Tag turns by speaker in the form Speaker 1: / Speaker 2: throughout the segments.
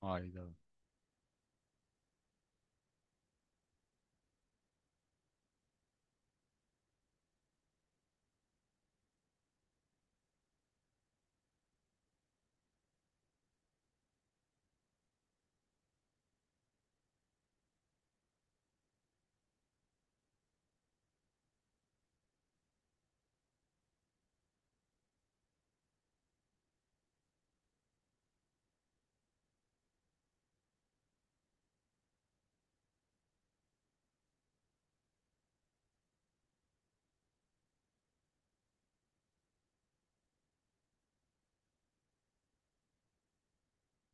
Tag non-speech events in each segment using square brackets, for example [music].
Speaker 1: Hayda.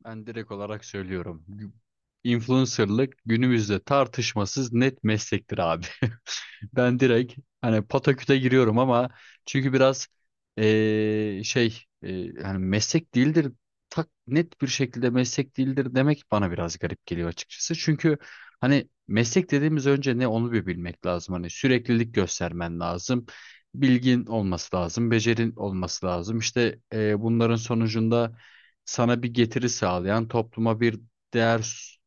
Speaker 1: Ben direkt olarak söylüyorum. Influencerlık günümüzde tartışmasız net meslektir abi. [laughs] Ben direkt hani pataküte giriyorum ama çünkü biraz hani meslek değildir tak net bir şekilde meslek değildir demek bana biraz garip geliyor açıkçası. Çünkü hani meslek dediğimiz önce ne onu bir bilmek lazım. Hani süreklilik göstermen lazım. Bilgin olması lazım, becerin olması lazım. İşte bunların sonucunda sana bir getiri sağlayan, topluma bir değer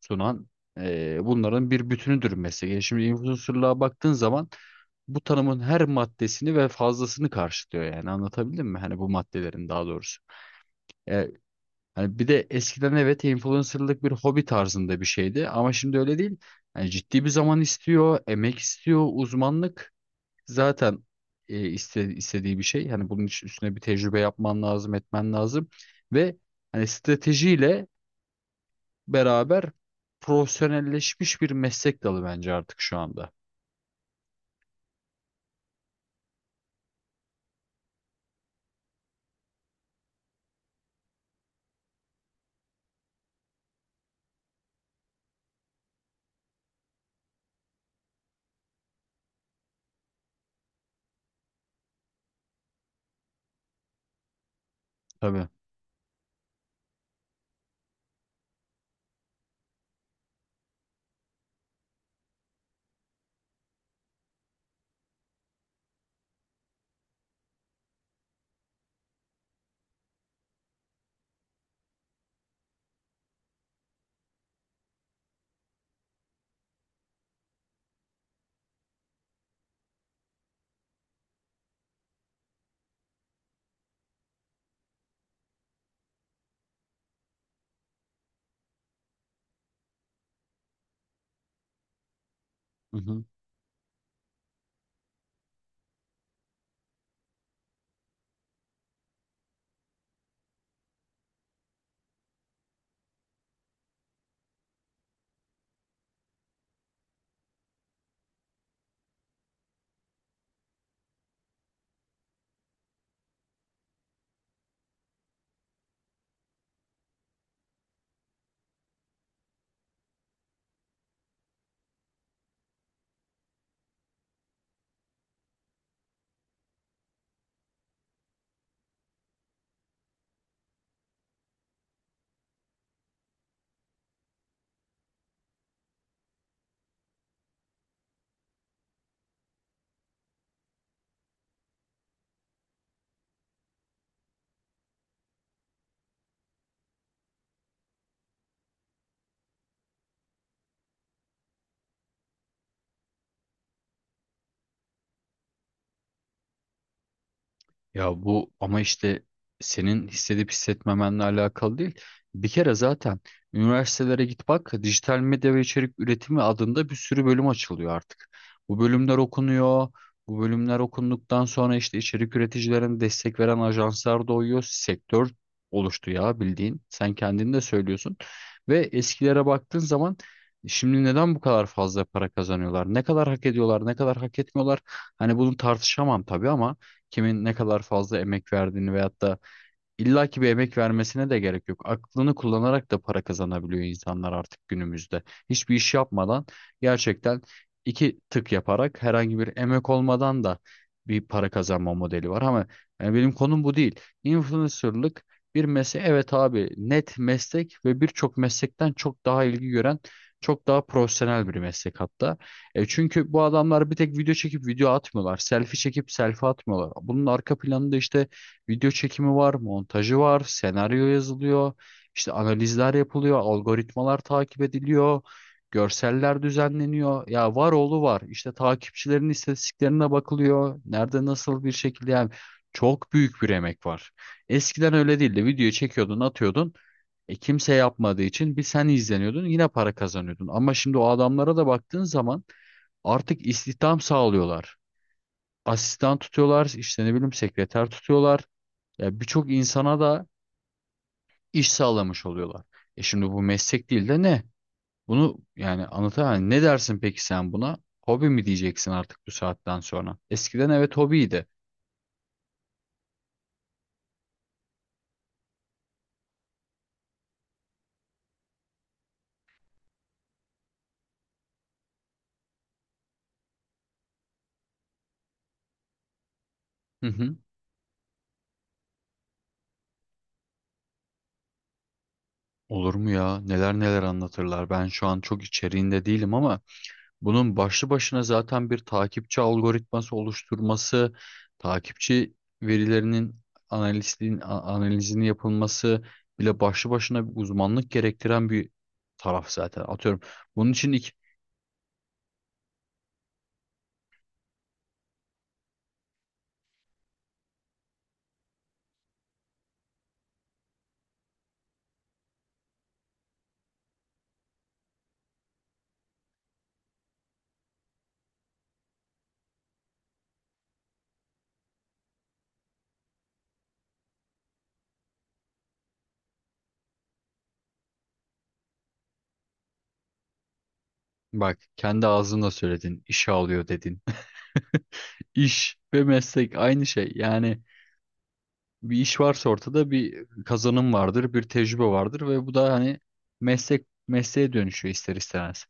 Speaker 1: sunan bunların bir bütünüdür meslek. Yani şimdi influencerlığa baktığın zaman bu tanımın her maddesini ve fazlasını karşılıyor yani anlatabildim mi? Hani bu maddelerin daha doğrusu. E, hani bir de eskiden evet influencerlık bir hobi tarzında bir şeydi ama şimdi öyle değil. Yani ciddi bir zaman istiyor, emek istiyor, uzmanlık zaten e, istediği bir şey. Hani bunun için üstüne bir tecrübe yapman lazım, etmen lazım ve hani stratejiyle beraber profesyonelleşmiş bir meslek dalı bence artık şu anda. Tabii. Hı hı. Ya bu ama işte senin hissedip hissetmemenle alakalı değil. Bir kere zaten üniversitelere git bak dijital medya ve içerik üretimi adında bir sürü bölüm açılıyor artık. Bu bölümler okunuyor. Bu bölümler okunduktan sonra işte içerik üreticilerine destek veren ajanslar doğuyor. Sektör oluştu ya bildiğin. Sen kendin de söylüyorsun. Ve eskilere baktığın zaman şimdi neden bu kadar fazla para kazanıyorlar? Ne kadar hak ediyorlar, ne kadar hak etmiyorlar? Hani bunu tartışamam tabii ama kimin ne kadar fazla emek verdiğini veyahut da İlla ki bir emek vermesine de gerek yok. Aklını kullanarak da para kazanabiliyor insanlar artık günümüzde. Hiçbir iş yapmadan gerçekten iki tık yaparak herhangi bir emek olmadan da bir para kazanma modeli var. Ama yani benim konum bu değil. Influencerlık bir meslek. Evet abi net meslek ve birçok meslekten çok daha ilgi gören çok daha profesyonel bir meslek hatta. E çünkü bu adamlar bir tek video çekip video atmıyorlar. Selfie çekip selfie atmıyorlar. Bunun arka planında işte video çekimi var, montajı var, senaryo yazılıyor, işte analizler yapılıyor, algoritmalar takip ediliyor, görseller düzenleniyor. Ya var oğlu var. İşte takipçilerin istatistiklerine bakılıyor. Nerede nasıl bir şekilde yani çok büyük bir emek var. Eskiden öyle değildi. Videoyu çekiyordun, atıyordun. E, kimse yapmadığı için bir sen izleniyordun, yine para kazanıyordun. Ama şimdi o adamlara da baktığın zaman artık istihdam sağlıyorlar. Asistan tutuyorlar, işte ne bileyim sekreter tutuyorlar. Ya birçok insana da iş sağlamış oluyorlar. E şimdi bu meslek değil de ne? Bunu yani anlatamam. Ne dersin peki sen buna? Hobi mi diyeceksin artık bu saatten sonra? Eskiden evet hobiydi. Hı hı. Olur mu ya? Neler neler anlatırlar. Ben şu an çok içeriğinde değilim ama bunun başlı başına zaten bir takipçi algoritması oluşturması, takipçi verilerinin analizini yapılması bile başlı başına bir uzmanlık gerektiren bir taraf zaten. Atıyorum. Bunun için ilk bak kendi ağzınla söyledin, işe alıyor dedin. [laughs] İş ve meslek aynı şey. Yani bir iş varsa ortada bir kazanım vardır, bir tecrübe vardır ve bu da hani meslek mesleğe dönüşüyor ister istemez.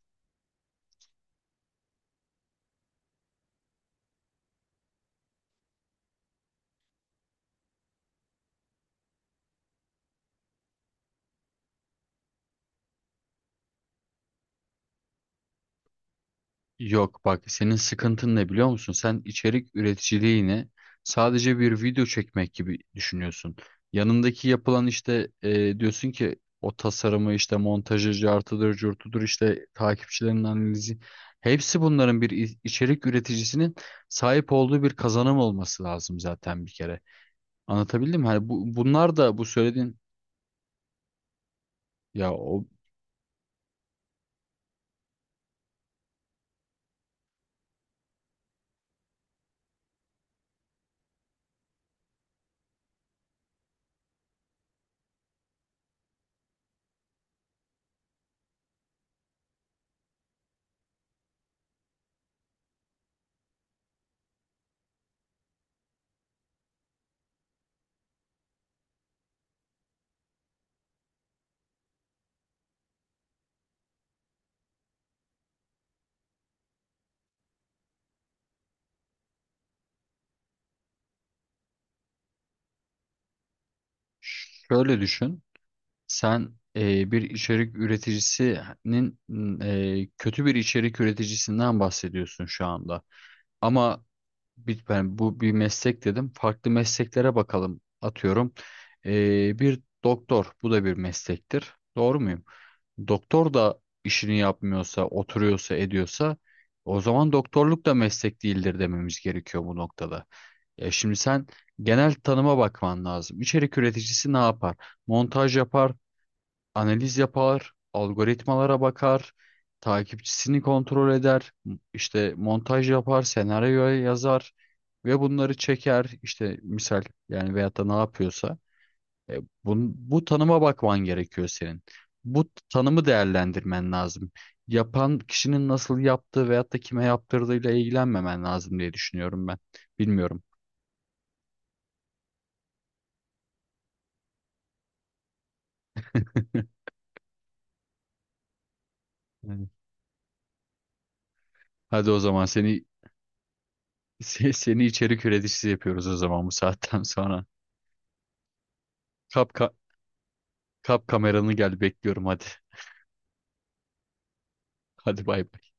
Speaker 1: Yok bak senin sıkıntın ne biliyor musun? Sen içerik üreticiliğini sadece bir video çekmek gibi düşünüyorsun. Yanındaki yapılan işte e, diyorsun ki o tasarımı işte montajı cartıdır curtudur işte takipçilerin analizi hepsi bunların içerik üreticisinin sahip olduğu bir kazanım olması lazım zaten bir kere. Anlatabildim mi? Hani bunlar da bu söylediğin ya o şöyle düşün. Sen e, bir içerik üreticisinin e, kötü bir içerik üreticisinden bahsediyorsun şu anda. Ama bir, ben bu bir meslek dedim. Farklı mesleklere bakalım. Atıyorum e, bir doktor. Bu da bir meslektir. Doğru muyum? Doktor da işini yapmıyorsa, oturuyorsa, ediyorsa o zaman doktorluk da meslek değildir dememiz gerekiyor bu noktada. E, şimdi sen genel tanıma bakman lazım. İçerik üreticisi ne yapar? Montaj yapar, analiz yapar, algoritmalara bakar, takipçisini kontrol eder, işte montaj yapar, senaryo yazar ve bunları çeker. İşte misal yani veyahut da ne yapıyorsa. E, bu tanıma bakman gerekiyor senin. Bu tanımı değerlendirmen lazım. Yapan kişinin nasıl yaptığı veyahut da kime yaptırdığıyla ilgilenmemen lazım diye düşünüyorum ben. Bilmiyorum. Yani hadi o zaman seni [laughs] seni içerik üreticisi yapıyoruz o zaman bu saatten sonra. Kap Kap kameranı gel bekliyorum hadi. Hadi bay bay.